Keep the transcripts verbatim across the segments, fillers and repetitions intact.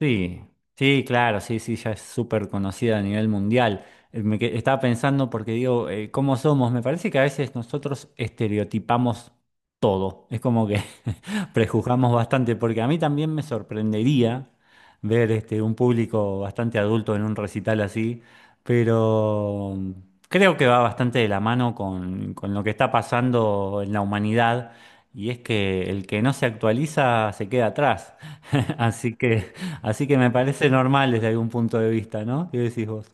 Sí, sí, claro, sí, sí, ya es súper conocida a nivel mundial. Eh, Me que- estaba pensando porque digo, eh, ¿cómo somos? Me parece que a veces nosotros estereotipamos todo. Es como que prejuzgamos bastante, porque a mí también me sorprendería ver este, un público bastante adulto en un recital así, pero mm, creo que va bastante de la mano con, con lo que está pasando en la humanidad, y es que el que no se actualiza se queda atrás. Así que... Así que me parece normal desde algún punto de vista, ¿no? ¿Qué decís vos?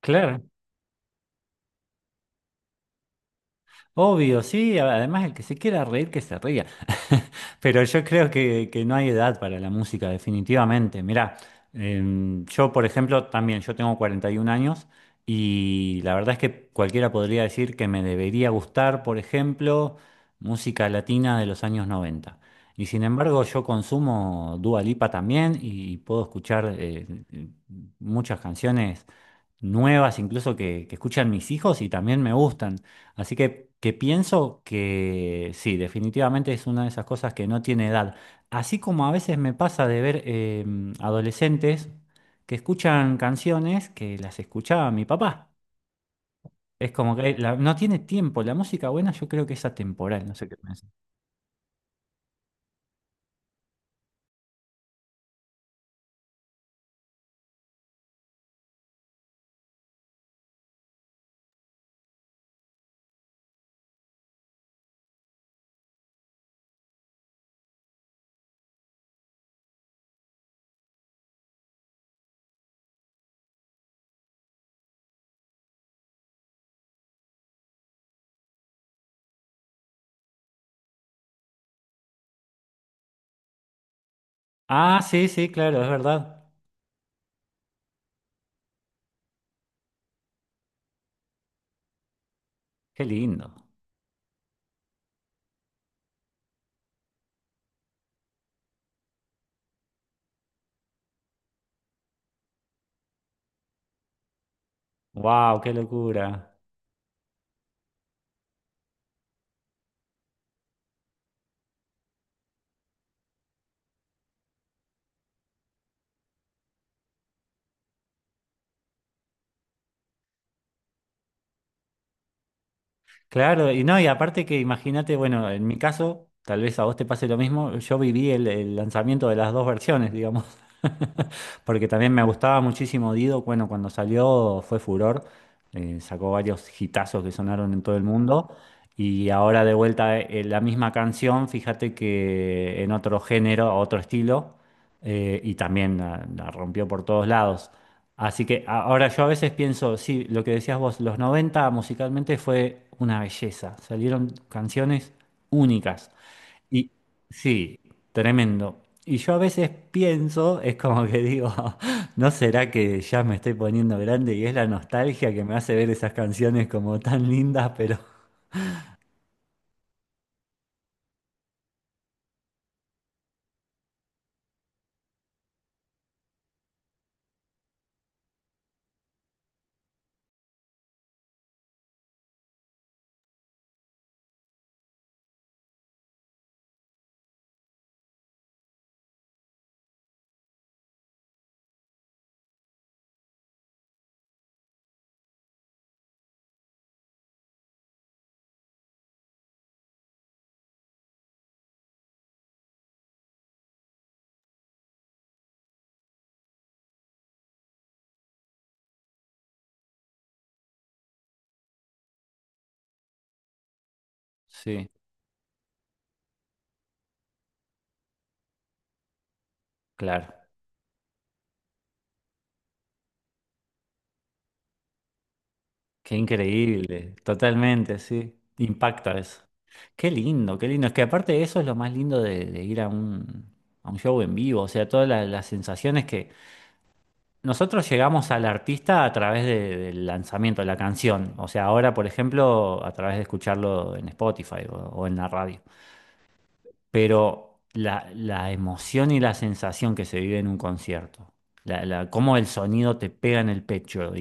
Claro. Obvio, sí, a- además el que se quiera reír, que se ría. Pero yo creo que, que no hay edad para la música, definitivamente. Mirá, em, yo, por ejemplo, también, yo tengo cuarenta y uno años y la verdad es que cualquiera podría decir que me debería gustar, por ejemplo, música latina de los años noventa. Y sin embargo, yo consumo Dua Lipa también y puedo escuchar eh, muchas canciones nuevas, incluso que, que escuchan mis hijos y también me gustan. Así que, que pienso que sí, definitivamente es una de esas cosas que no tiene edad. Así como a veces me pasa de ver eh, adolescentes que escuchan canciones que las escuchaba mi papá. Es como que la- no tiene tiempo. La música buena yo creo que es atemporal, no sé qué piensas. Ah, sí, sí, claro, es verdad. Qué lindo. Wow, qué locura. Claro, y no, y aparte que imagínate, bueno, en mi caso, tal vez a vos te pase lo mismo, yo viví el, el lanzamiento de las dos versiones, digamos, porque también me gustaba muchísimo Dido, bueno, cuando salió fue furor, eh, sacó varios hitazos que sonaron en todo el mundo, y ahora de vuelta eh, la misma canción, fíjate que en otro género, otro estilo, eh, y también la la rompió por todos lados. Así que a- ahora yo a veces pienso, sí, lo que decías vos, los noventa musicalmente fue una belleza, salieron canciones únicas. Y sí, tremendo. Y yo a veces pienso, es como que digo, ¿no será que ya me estoy poniendo grande y es la nostalgia que me hace ver esas canciones como tan lindas, pero sí, claro. Qué increíble, totalmente, sí. Impacta eso. Qué lindo, qué lindo. Es que aparte eso es lo más lindo de, de ir a un, a un show en vivo, o sea, todas la- las sensaciones que nosotros llegamos al artista a través de- del lanzamiento de la canción, o sea, ahora, por ejemplo, a través de escucharlo en Spotify o, o en la radio, pero la, la emoción y la sensación que se vive en un concierto, la, la- cómo el sonido te pega en el pecho y,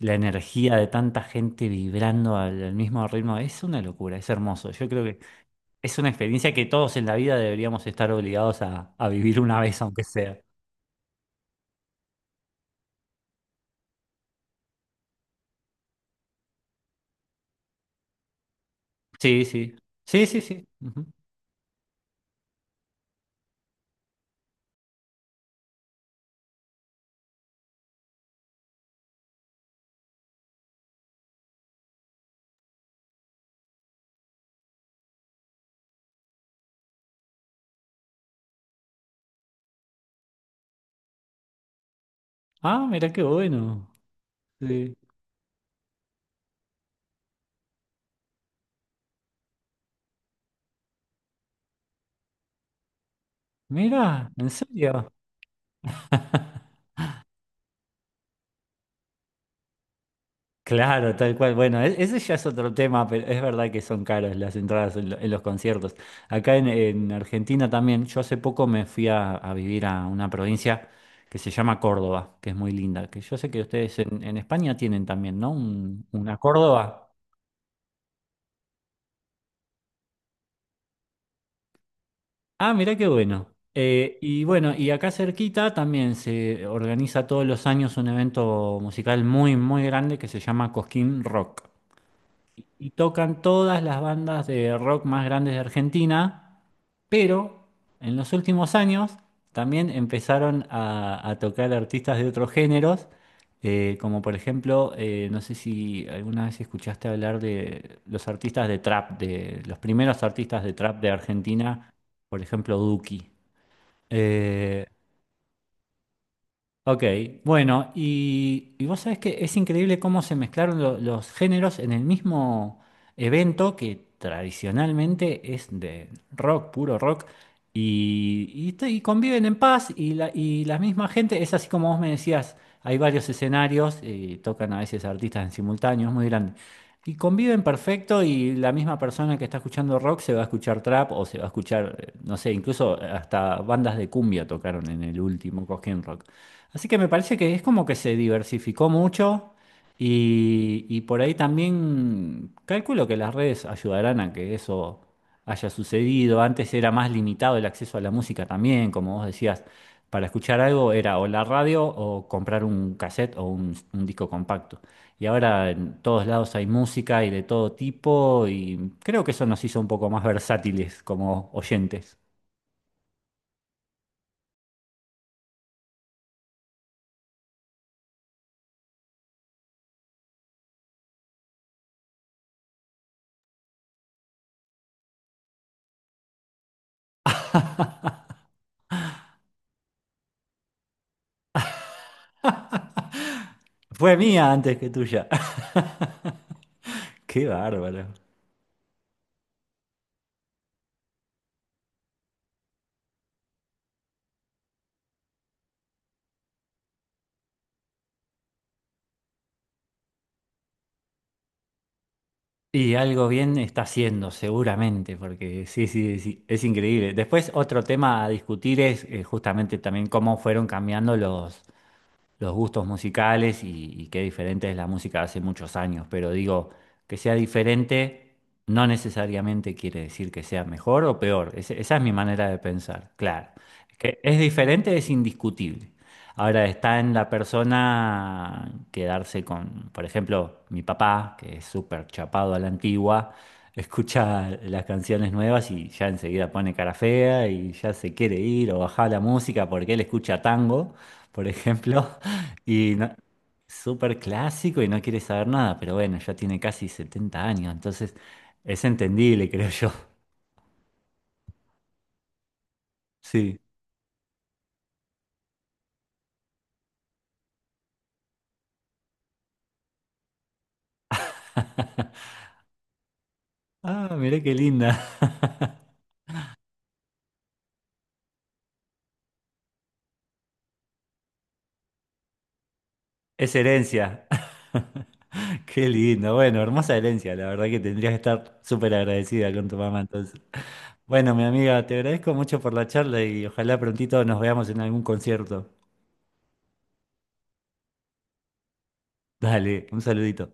y la energía de tanta gente vibrando al, al mismo ritmo, es una locura, es hermoso. Yo creo que es una experiencia que todos en la vida deberíamos estar obligados a, a vivir una vez, aunque sea. Sí, sí. Sí, sí, sí. Ujú. Ah, mira qué bueno. Sí. Mira, ¿en serio? Claro, tal cual. Bueno, e- ese ya es otro tema, pero es verdad que son caras las entradas en, lo- en los conciertos. Acá en, en Argentina también, yo hace poco me fui a, a vivir a una provincia que se llama Córdoba, que es muy linda, que yo sé que ustedes en, en España tienen también, ¿no? Un- una Córdoba. Ah, mirá qué bueno. Eh, y bueno, y acá cerquita también se organiza todos los años un evento musical muy, muy grande que se llama Cosquín Rock. Y tocan todas las bandas de rock más grandes de Argentina, pero en los últimos años también empezaron a, a tocar artistas de otros géneros, eh, como por ejemplo, eh, no sé si alguna vez escuchaste hablar de los artistas de trap, de los primeros artistas de trap de Argentina, por ejemplo, Duki. Eh, Ok, bueno, y, y vos sabés que es increíble cómo se mezclaron lo- los géneros en el mismo evento que tradicionalmente es de rock, puro rock, y, y esto- y conviven en paz y la, y la misma gente, es así como vos me decías, hay varios escenarios, eh, tocan a veces artistas en simultáneo, es muy grande, y conviven perfecto y la misma persona que está escuchando rock se va a escuchar trap o se va a escuchar, eh, no sé, incluso hasta bandas de cumbia tocaron en el último Cosquín Rock. Así que me parece que es como que se diversificó mucho y, y por ahí también calculo que las redes ayudarán a que eso haya sucedido. Antes era más limitado el acceso a la música también, como vos decías, para escuchar algo era o la radio o comprar un cassette o un, un disco compacto. Y ahora en todos lados hay música y de todo tipo y creo que eso nos hizo un poco más versátiles como oyentes. Fue mía antes que tuya. Qué bárbaro. Y algo bien está haciendo, seguramente, porque sí, sí, sí, es increíble. Después, otro tema a discutir es eh, justamente también cómo fueron cambiando los, los gustos musicales y, y qué diferente es la música de hace muchos años, pero digo, que sea diferente no necesariamente quiere decir que sea mejor o peor. Ese- esa es mi manera de pensar, claro. Que es diferente es indiscutible. Ahora está en la persona quedarse con, por ejemplo, mi papá, que es súper chapado a la antigua, escucha las canciones nuevas y ya enseguida pone cara fea y ya se quiere ir o bajar la música porque él escucha tango, por ejemplo. Y no, súper clásico y no quiere saber nada, pero bueno, ya tiene casi setenta años, entonces es entendible, creo yo. Sí. Ah, mirá qué linda. Es herencia. Qué lindo. Bueno, hermosa herencia. La verdad que tendrías que estar súper agradecida con tu mamá entonces. Bueno, mi amiga, te agradezco mucho por la charla y ojalá prontito nos veamos en algún concierto. Dale, un saludito.